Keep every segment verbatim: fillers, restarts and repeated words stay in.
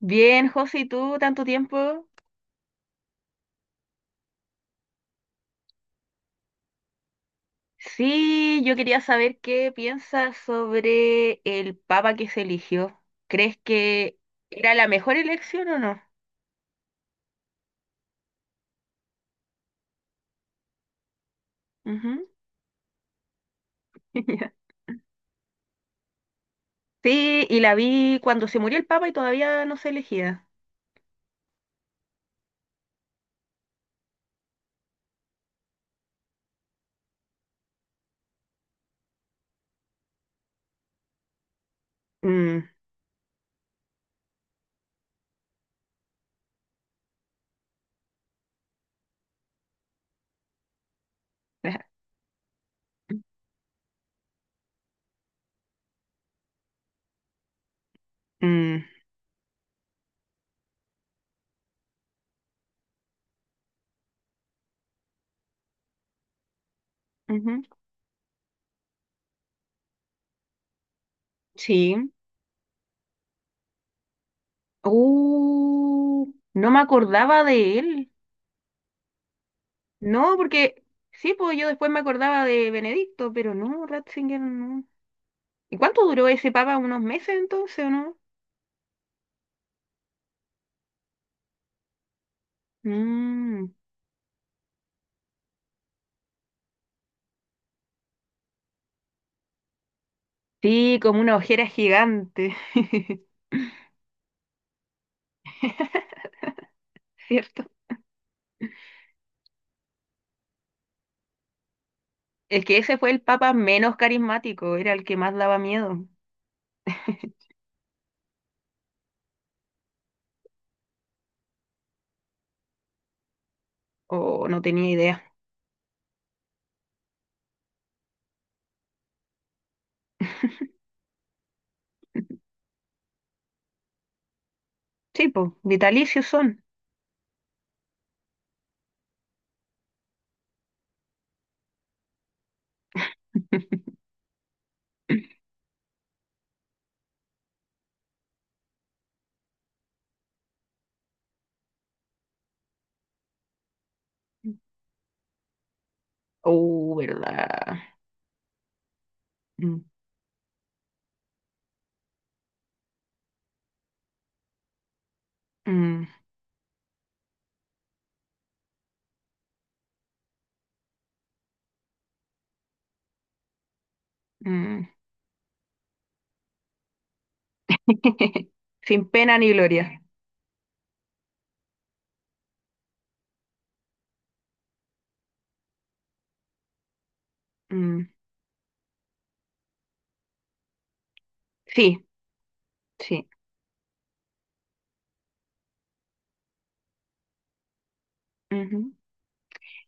Bien, José, ¿y tú? Tanto tiempo. Sí, yo quería saber qué piensas sobre el papa que se eligió. ¿Crees que era la mejor elección o no? Ujú. Sí, y la vi cuando se murió el papa y todavía no se elegía. Mm. Mm. Ujú. Sí. Uh, no me acordaba de él. No, porque sí, pues yo después me acordaba de Benedicto, pero no, Ratzinger no. ¿Y cuánto duró ese papa? ¿Unos meses entonces o no? Mm. Sí, como una ojera gigante. ¿Cierto? Es que ese fue el papa menos carismático, era el que más daba miedo, o no tenía idea. Sí, pues, vitalicios son. Oh, ¿verdad? Mm. Mm. Mm. Sin pena ni gloria. Mm. Sí, sí. Ujú.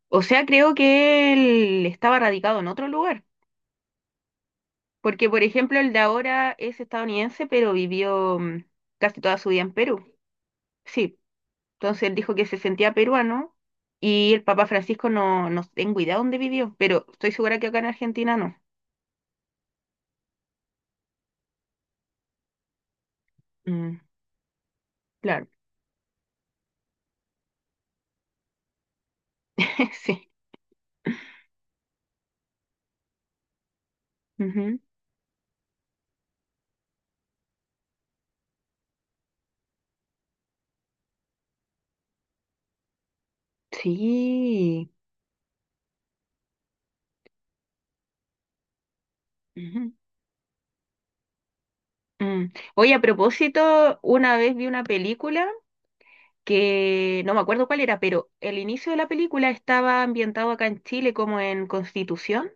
O sea, creo que él estaba radicado en otro lugar. Porque, por ejemplo, el de ahora es estadounidense, pero vivió mm, casi toda su vida en Perú. Sí, entonces él dijo que se sentía peruano y el Papa Francisco no, no tengo idea dónde vivió, pero estoy segura que acá en Argentina no. Mm. Claro. Sí. Ujú. Sí. Ujú. Mm. Oye, a propósito, una vez vi una película que no me acuerdo cuál era, pero el inicio de la película estaba ambientado acá en Chile como en Constitución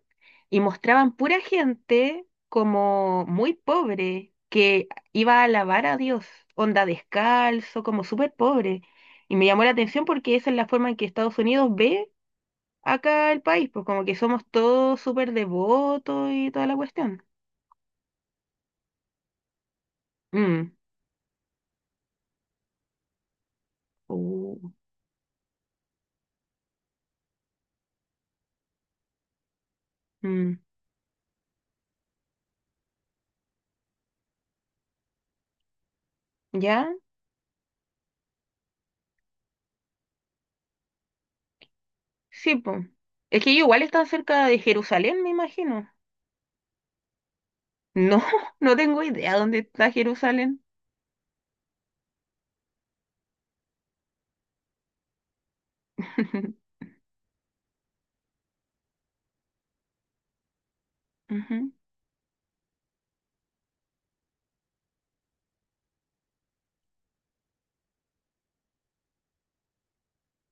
y mostraban pura gente como muy pobre que iba a alabar a Dios, onda descalzo, como súper pobre. Y me llamó la atención porque esa es la forma en que Estados Unidos ve acá el país, pues como que somos todos súper devotos y toda la cuestión. Mm. Oh. Mm. ¿Ya? Sí, pues. Es que ellos igual están cerca de Jerusalén, me imagino. No, no tengo idea dónde está Jerusalén. Ujú.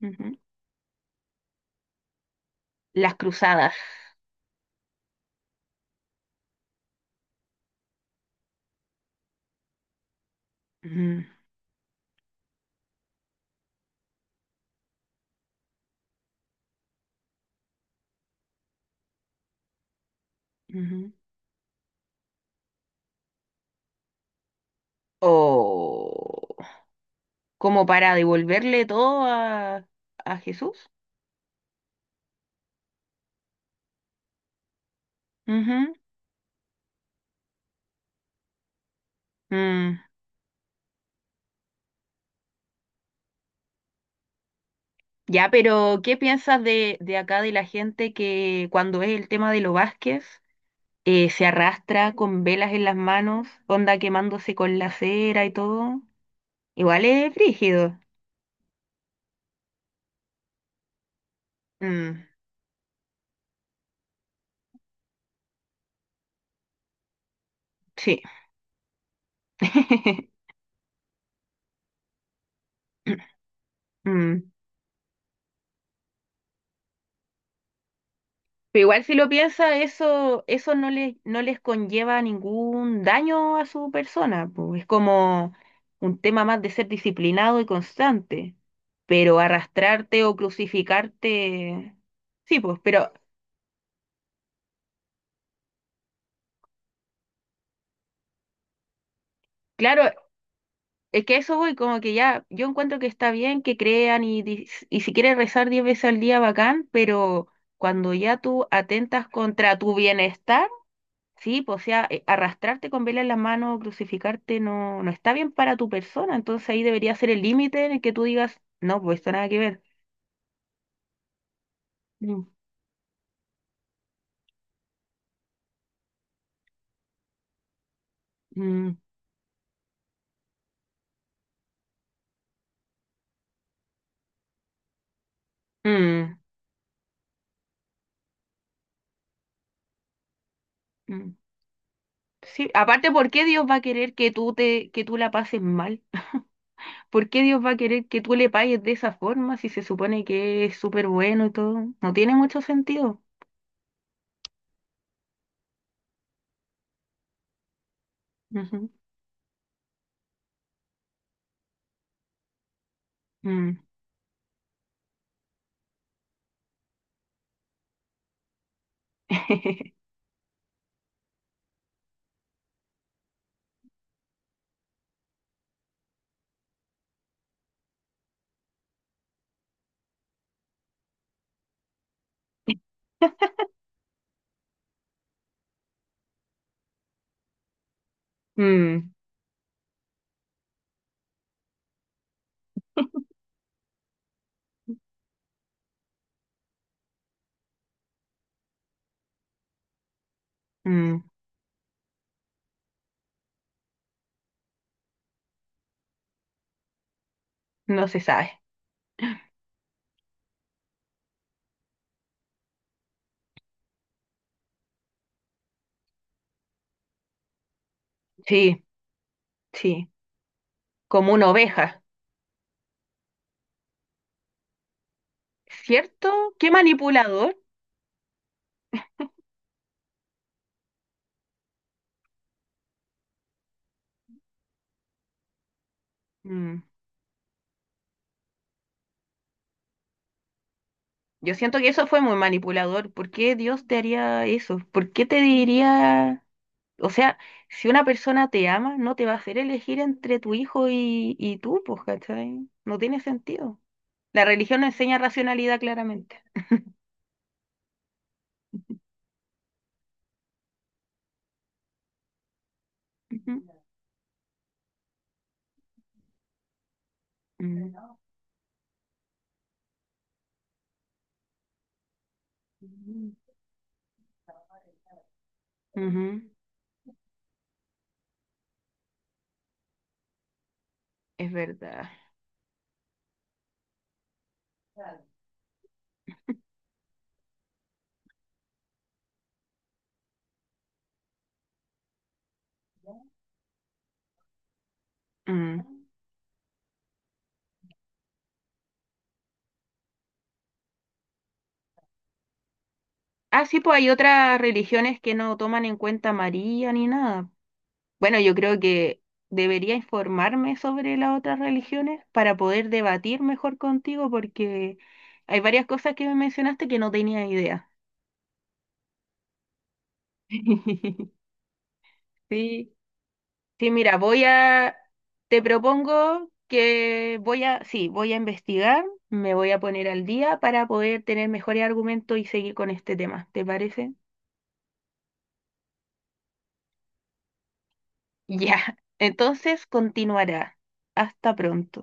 Ujú. Las cruzadas. Ujú. Ujú. O como para devolverle todo a, a Jesús. Ujú. Mm. Ya, pero ¿qué piensas de, de acá de la gente que cuando es el tema de los Vázquez eh, se arrastra con velas en las manos, onda quemándose con la cera y todo? Igual es frígido. Mm. Sí. Mm. Pero igual si lo piensa, eso, eso no les, no les conlleva ningún daño a su persona, pues es como un tema más de ser disciplinado y constante, pero arrastrarte o crucificarte, sí, pues, pero claro, es que a eso voy, como que ya, yo encuentro que está bien que crean y, dis- y si quieres rezar diez veces al día, bacán, pero cuando ya tú atentas contra tu bienestar, sí, pues, o sea, eh, arrastrarte con vela en las manos, crucificarte, no, no está bien para tu persona. Entonces ahí debería ser el límite en el que tú digas, no, pues esto nada que ver. Mm. Mm. Mm. Mm. Sí, aparte, ¿por qué Dios va a querer que tú te, que tú la pases mal? ¿Por qué Dios va a querer que tú le pagues de esa forma si se supone que es súper bueno y todo? No tiene mucho sentido. Ujú. Mm. Mm. Mm. No se sabe. Sí, sí. Como una oveja. ¿Cierto? ¿Qué manipulador? Mm. Yo siento que eso fue muy manipulador. ¿Por qué Dios te haría eso? ¿Por qué te diría... O sea, si una persona te ama, no te va a hacer elegir entre tu hijo y, y tú, pues, ¿cachai? No tiene sentido. La religión no enseña racionalidad claramente. Ujú. Mm. Ujú. Es verdad. Mm. Ah, sí, pues hay otras religiones que no toman en cuenta a María ni nada. Bueno, yo creo que debería informarme sobre las otras religiones para poder debatir mejor contigo porque hay varias cosas que me mencionaste que no tenía idea. Sí. Sí, mira, voy a, te propongo que voy a, sí, voy a investigar, me voy a poner al día para poder tener mejores argumentos y seguir con este tema, ¿te parece? Ya, entonces continuará. Hasta pronto.